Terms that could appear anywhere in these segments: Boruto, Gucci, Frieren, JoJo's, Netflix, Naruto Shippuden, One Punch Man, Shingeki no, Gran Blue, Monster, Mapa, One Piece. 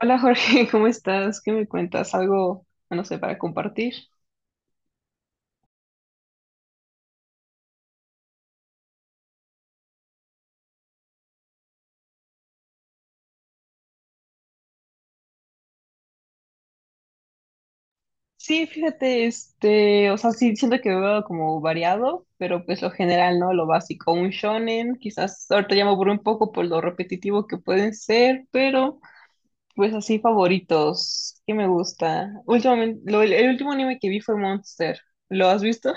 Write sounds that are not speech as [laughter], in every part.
Hola Jorge, [laughs] ¿cómo estás? ¿Qué me cuentas? ¿Algo, no sé, para compartir? Sí, fíjate, este, o sea, sí, siento que veo como variado, pero pues lo general, ¿no? Lo básico, un shonen, quizás ahorita ya me aburro un poco por lo repetitivo que pueden ser, pero pues así favoritos, que me gusta. Últimamente, el último anime que vi fue Monster, ¿lo has visto?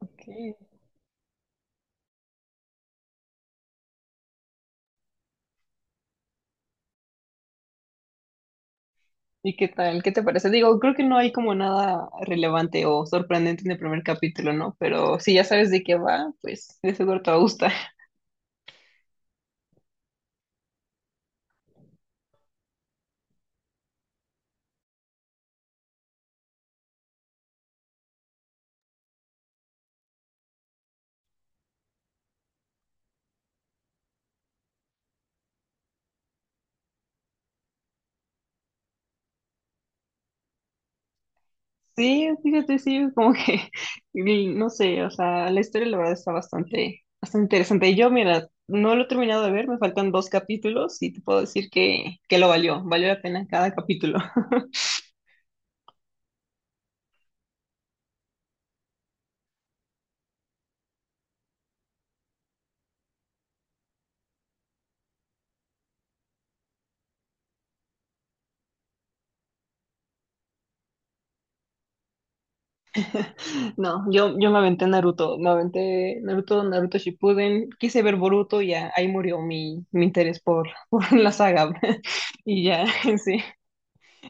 Ok. ¿Y qué tal? ¿Qué te parece? Digo, creo que no hay como nada relevante o sorprendente en el primer capítulo, ¿no? Pero si ya sabes de qué va, pues de seguro te va a gustar. [laughs] Sí, fíjate, sí, como que, [laughs] y no sé, o sea, la historia la verdad está bastante, bastante interesante. Yo, mira, no lo he terminado de ver, me faltan dos capítulos y te puedo decir que lo valió, valió la pena cada capítulo. [laughs] No, yo me aventé Naruto, Naruto Shippuden, quise ver Boruto y ya ahí murió mi interés por, [laughs] por la saga. [laughs] Y ya, [laughs] sí,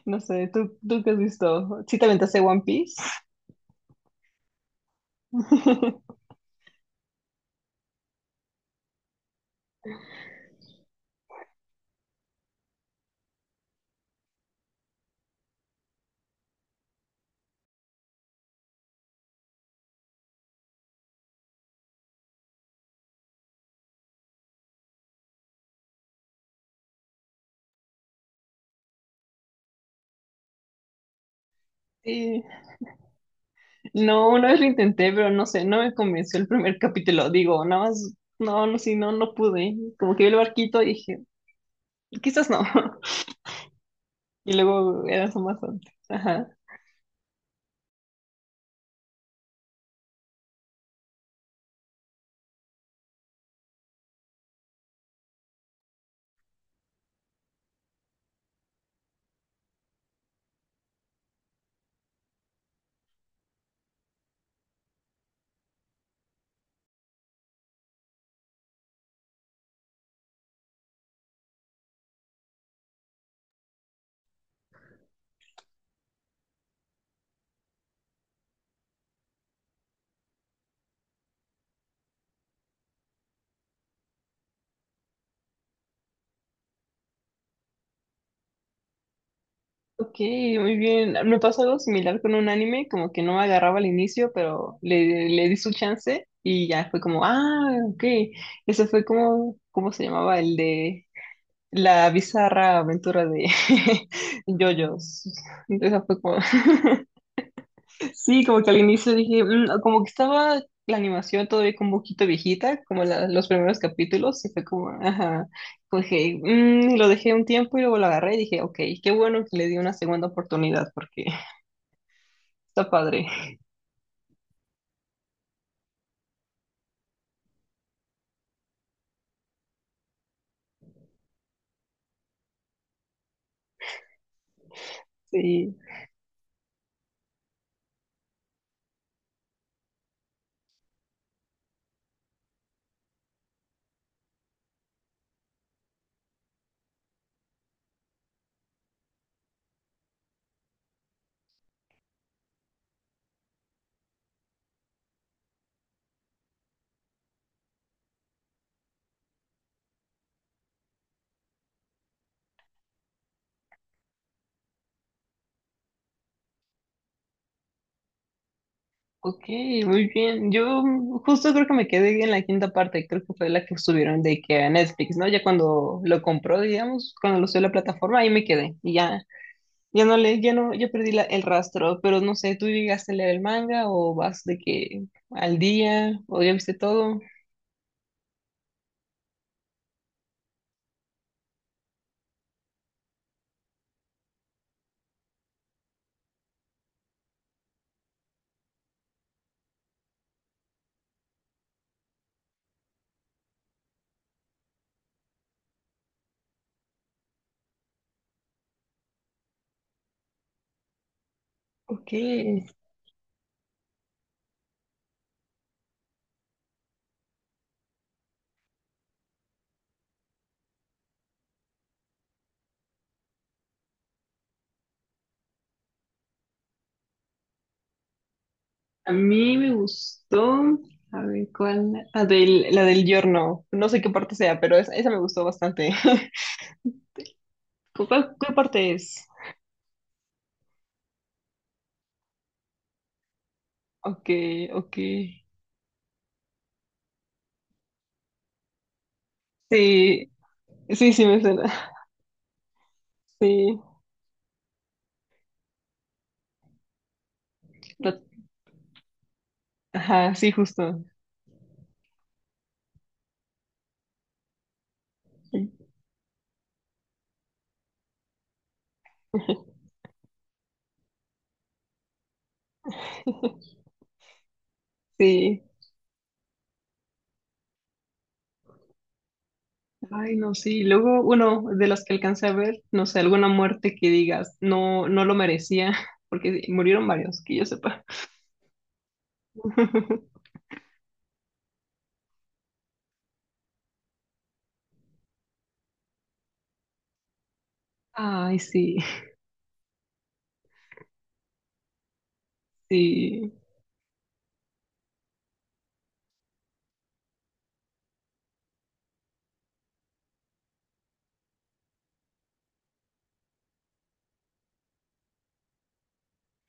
no sé, ¿tú qué has visto? ¿Sí te aventaste One Piece? [laughs] Sí, no, una vez lo intenté, pero no sé, no me convenció el primer capítulo, digo, nada más, no, no, sí, no, no pude, como que vi el barquito y dije, quizás no, [laughs] y luego era más antes. Ok, muy bien. Me pasó algo similar con un anime, como que no me agarraba al inicio, pero le di su chance y ya fue como, ah, ok. Ese fue como, ¿cómo se llamaba? El de la bizarra aventura de [laughs] JoJo's. Esa fue como... [laughs] Sí, como que al inicio dije, "Mm, no", como que estaba la animación todavía como un poquito viejita, como los primeros capítulos, y fue como, ajá, como dije, "Mm", y lo dejé un tiempo y luego lo agarré y dije, ok, qué bueno que le di una segunda oportunidad porque [laughs] está padre. Sí, ok, muy bien. Yo justo creo que me quedé en la quinta parte, creo que fue la que subieron de que a Netflix, ¿no? Ya cuando lo compró, digamos, cuando lo subió a la plataforma, ahí me quedé y ya. Ya no le, ya no, yo perdí el rastro, pero no sé, ¿tú llegaste a leer el manga o vas de que al día o ya viste todo? Ok, a mí me gustó, a ver cuál, la del giorno, no sé qué parte sea, pero esa me gustó bastante. [laughs] Cuál, cuál parte es? Ok, ok, sí, sí, sí me suena, sí, la- ajá, sí, justo, [laughs] sí. Ay, no, sí. Luego, uno de los que alcancé a ver, no sé, alguna muerte que digas, no, no lo merecía, [laughs] porque murieron varios, que yo sepa. [laughs] Ay, sí, sí,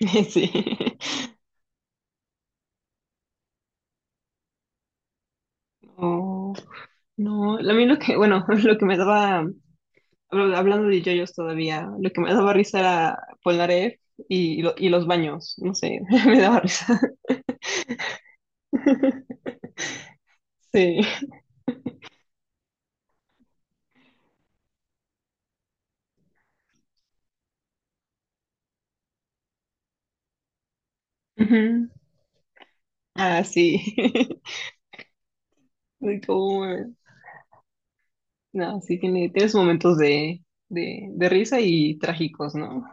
[laughs] sí. No, no. A mí lo que, bueno, [laughs] lo que me daba, hablando de yoyos todavía, lo que me daba risa era Polnareff y, y los baños, no sé, [laughs] me daba risa. [laughs] Sí. Ujú. Ah, sí. [laughs] Como no, sí tiene, tienes momentos de risa y trágicos, ¿no?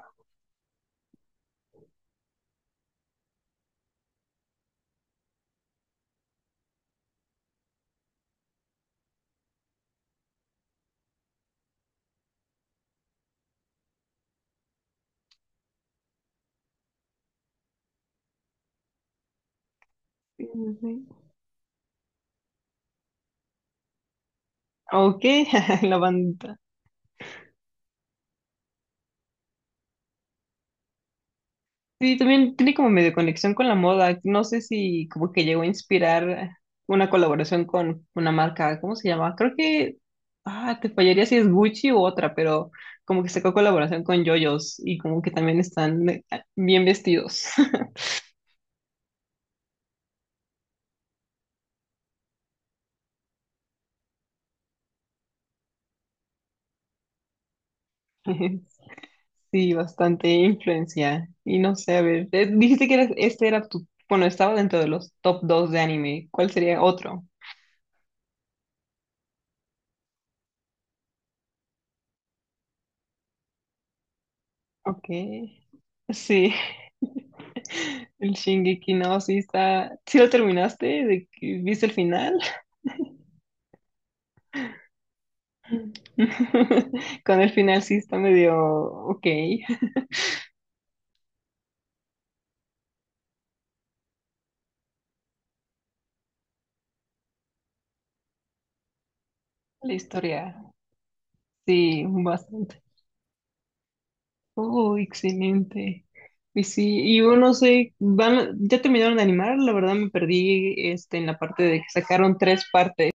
Sí, sí, sí. Ok, [laughs] la banda. Sí, también tiene como medio conexión con la moda. No sé si como que llegó a inspirar una colaboración con una marca, ¿cómo se llama? Creo que, ah, te fallaría si es Gucci u otra, pero como que sacó colaboración con JoJo's y como que también están bien vestidos. [laughs] Sí, bastante influencia. Y no sé, a ver, dijiste que este era tu, bueno, estaba dentro de los top dos de anime. ¿Cuál sería otro? Ok. Sí. [laughs] El Shingeki no, sí está. ¿Sí lo terminaste? ¿De que ¿viste el final? [laughs] Con el final sí está medio ok. La historia, sí, bastante. Oh, excelente. Y sí, y yo no sé, van, ya terminaron de animar, la verdad me perdí este en la parte de que sacaron tres partes.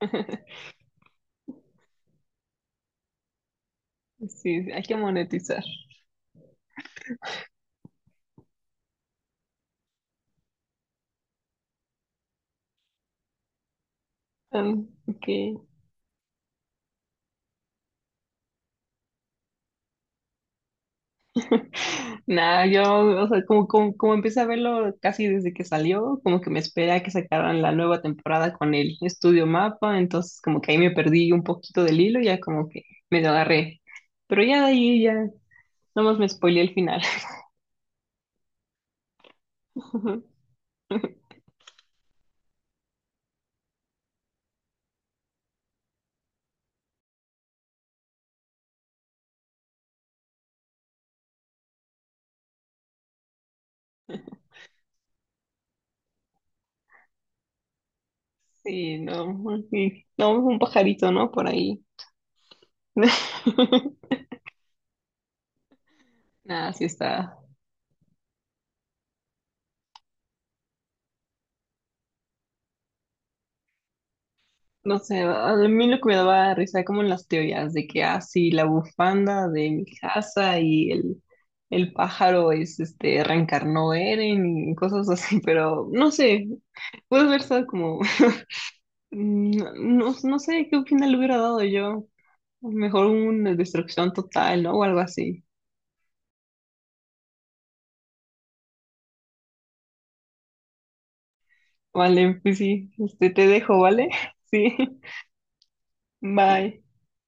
[laughs] Sí, hay que monetizar. Ah, ok. [laughs] Nada, yo, o sea, como, como, como empecé a verlo casi desde que salió, como que me esperé a que sacaran la nueva temporada con el estudio Mapa, entonces como que ahí me perdí un poquito del hilo, ya como que me lo agarré. Pero ya de ahí ya, nomás me spoileé el final. [laughs] Sí, no, sí. No, un pajarito, ¿no? Por ahí. [laughs] Nada, sí está. No sé, a mí lo que me daba risa como en las teorías de que, ah, sí, la bufanda de mi casa y el pájaro es, este, reencarnó Eren y cosas así, pero no sé, puede haber estado como, [laughs] no, no, no sé qué final le hubiera dado yo. Mejor una destrucción total, ¿no? O algo así. Vale, pues sí, este, te dejo, ¿vale? [laughs] Sí, bye.